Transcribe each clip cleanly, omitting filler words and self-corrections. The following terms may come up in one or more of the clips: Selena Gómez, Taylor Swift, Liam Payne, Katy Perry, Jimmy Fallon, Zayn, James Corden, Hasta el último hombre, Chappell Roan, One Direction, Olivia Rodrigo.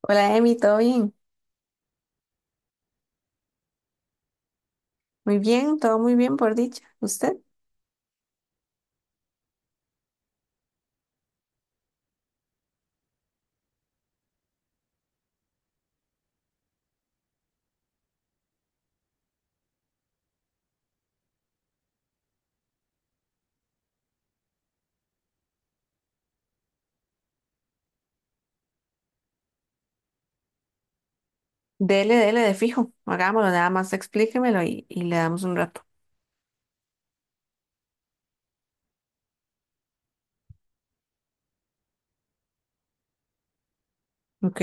Hola, Emi, ¿todo bien? Muy bien, todo muy bien por dicha. ¿Usted? Dele, dele de fijo. Hagámoslo, nada más explíquemelo y le damos un rato. Ok,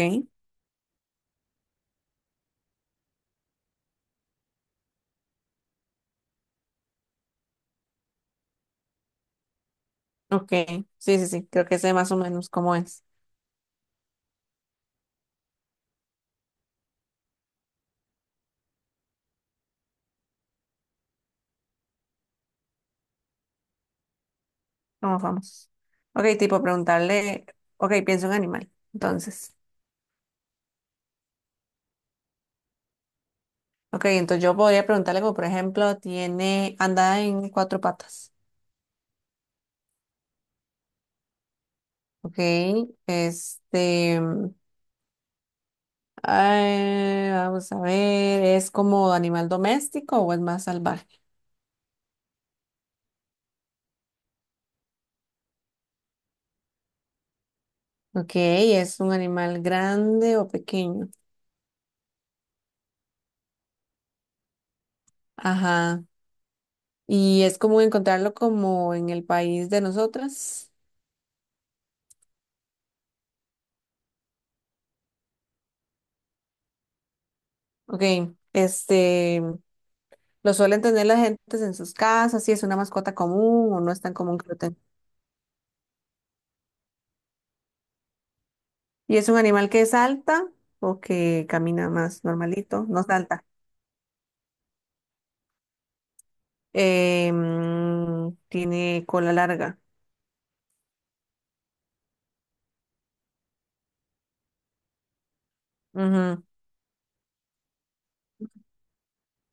ok. Sí, sí, sí, creo que sé más o menos cómo es. ¿Cómo vamos? Ok, tipo preguntarle. Ok, pienso en animal. Entonces. Ok, entonces yo podría preguntarle como, por ejemplo, tiene, anda en cuatro patas. Ok, este, ay, vamos a ver, ¿es como animal doméstico o es más salvaje? Ok, ¿es un animal grande o pequeño? Ajá, y es común encontrarlo como en el país de nosotras. Ok, este, ¿lo suelen tener las gentes en sus casas? Si es una mascota común o no es tan común que lo tengan. ¿Y es un animal que salta o que camina más normalito? No salta. Tiene cola larga. Ujú.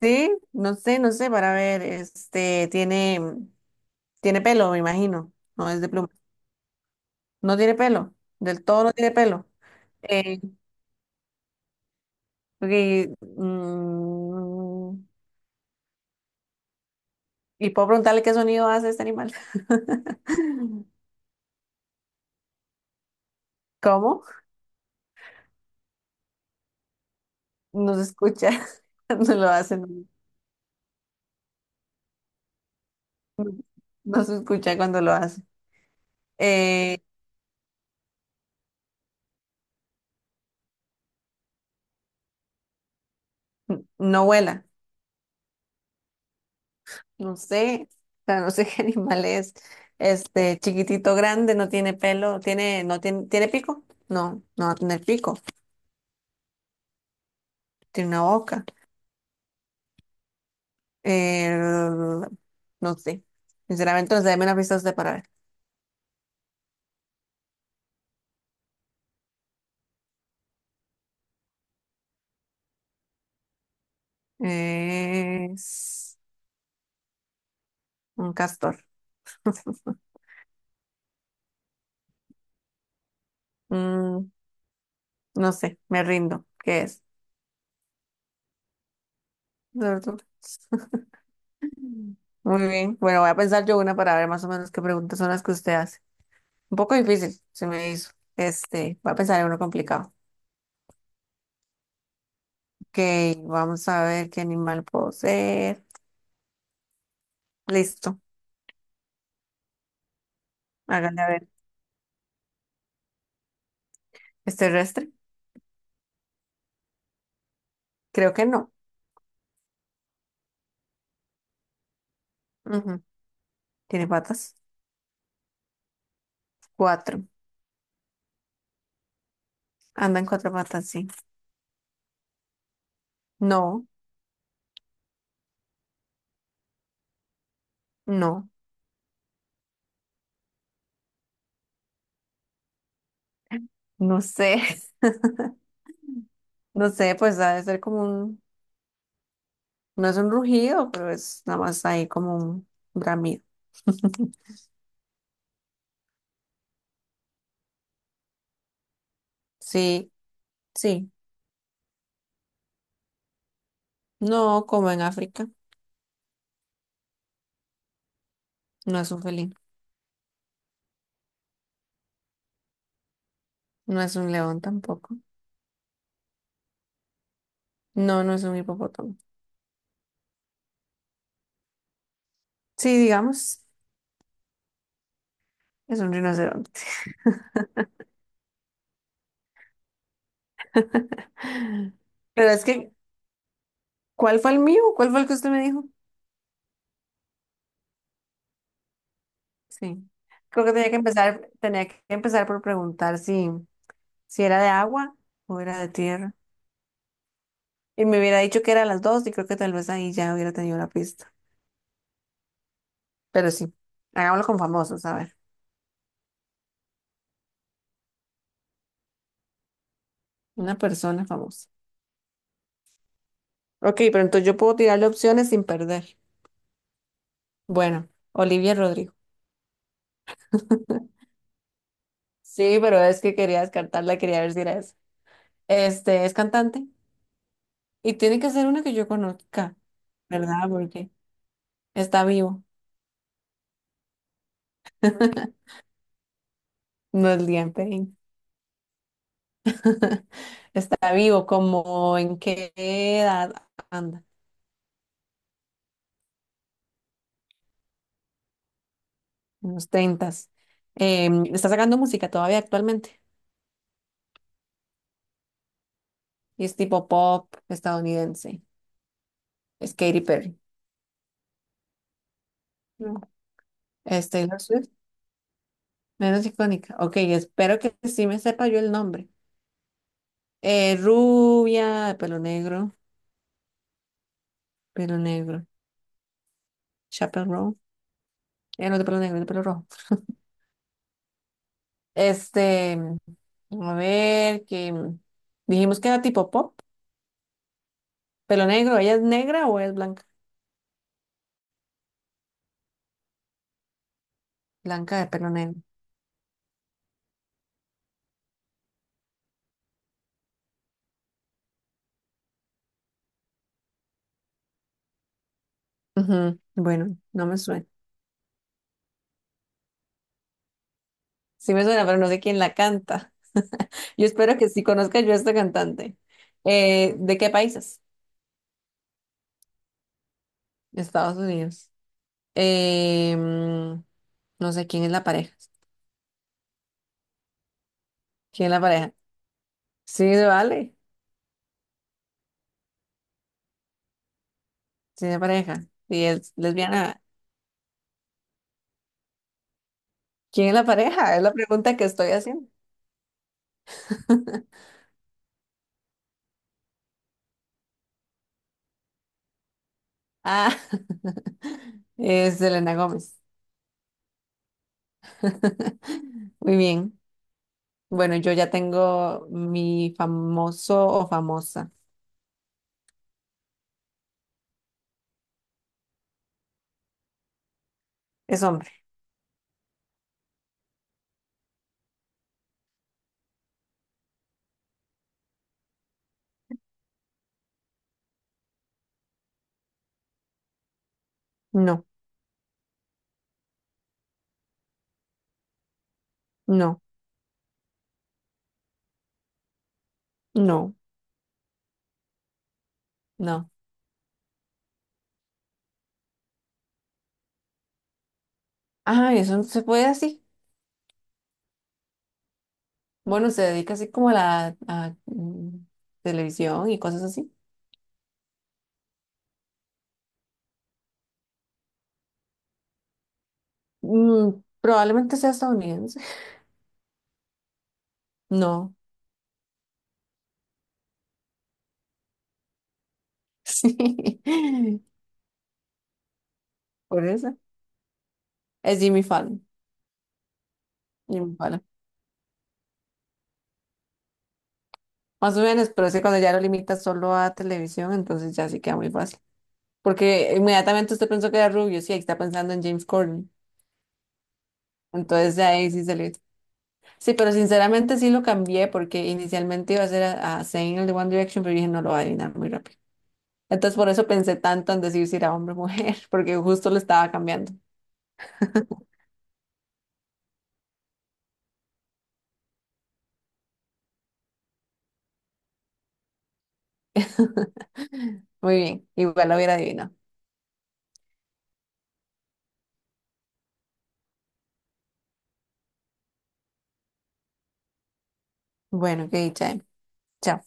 Sí, no sé, no sé, para ver, este, tiene pelo, me imagino. No es de pluma. No tiene pelo. Del todo no tiene pelo. Eh, y, mm, y puedo preguntarle qué sonido hace este animal. ¿Cómo? No se escucha cuando lo hace. No, no se escucha cuando lo hace. Eh, no vuela, no sé, o sea, no sé qué animal es. Este, chiquitito, grande, no tiene pelo, no tiene, ¿tiene pico? No, no va a tener pico, tiene una boca. Eh, no sé, sinceramente, no sé, dame una pista usted para ver. Es un castor. Mm, no sé, me rindo. ¿Qué es? Tortuga. Muy bien, bueno, voy a pensar yo una para ver más o menos qué preguntas son las que usted hace. Un poco difícil, se me hizo. Este, voy a pensar en uno complicado. Ok, vamos a ver qué animal puedo ser. Listo, háganle a ver. ¿Es terrestre? Creo que no. Ujú. ¿Tiene patas? Cuatro. Anda en cuatro patas, sí. No, no, no sé. No sé, pues ha de ser como un, no es un rugido, pero es nada más ahí como un bramido. Sí, sí. No, como en África, no es un felino, no es un león tampoco. No, no es un hipopótamo. Sí, digamos. Es un rinoceronte. Pero es que, ¿cuál fue el mío? ¿Cuál fue el que usted me dijo? Sí. Creo que tenía que empezar por preguntar si, si era de agua o era de tierra. Y me hubiera dicho que eran las dos y creo que tal vez ahí ya hubiera tenido la pista. Pero sí, hagámoslo con famosos, a ver. Una persona famosa. Ok, pero entonces yo puedo tirarle opciones sin perder. Bueno, Olivia Rodrigo. Sí, pero es que quería descartarla, quería ver si era esa. Este, es cantante y tiene que ser una que yo conozca. ¿Verdad? Porque está vivo. No es Liam Payne. Está vivo, como en qué edad anda, en los tentas. Está sacando música todavía actualmente y es tipo pop estadounidense. Es Katy Perry. No. Es Taylor Swift, menos icónica. Ok, espero que sí me sepa yo el nombre. Rubia, de pelo negro, pelo negro. Chappell Row. No, de pelo negro, de pelo rojo. Este, a ver, que dijimos que era tipo pop, pelo negro, ¿ella es negra o es blanca? Blanca de pelo negro. Ujú. Bueno, no me suena. Sí me suena, pero no sé quién la canta. Yo espero que sí conozca yo a esta cantante. ¿De qué países? Estados Unidos. Eh, mm, no sé quién es la pareja. ¿Quién es la pareja? Sí, se vale. Sí, es pareja. Y es lesbiana. ¿Quién es la pareja? Es la pregunta que estoy haciendo. Ah, es Selena Gómez. Muy bien. Bueno, yo ya tengo mi famoso o famosa. Es hombre. No, no, no, no. Ah, eso no se puede así. Bueno, se dedica así como a la televisión y cosas así. Mm, probablemente sea estadounidense. No. Sí. Por eso. Es Jimmy Fallon. Jimmy Fallon. Más o menos, pero es que cuando ya lo limitas solo a televisión, entonces ya sí queda muy fácil. Porque inmediatamente usted pensó que era rubio, sí, ahí está pensando en James Corden. Entonces de ahí sí salió. Sí, pero sinceramente sí lo cambié porque inicialmente iba a ser a Zayn, el de One Direction, pero dije no lo va a adivinar muy rápido. Entonces por eso pensé tanto en decir si era hombre o mujer, porque justo lo estaba cambiando. Muy bien, igual lo hubiera adivinado. Bueno, qué dicha. ¿Eh? Chao.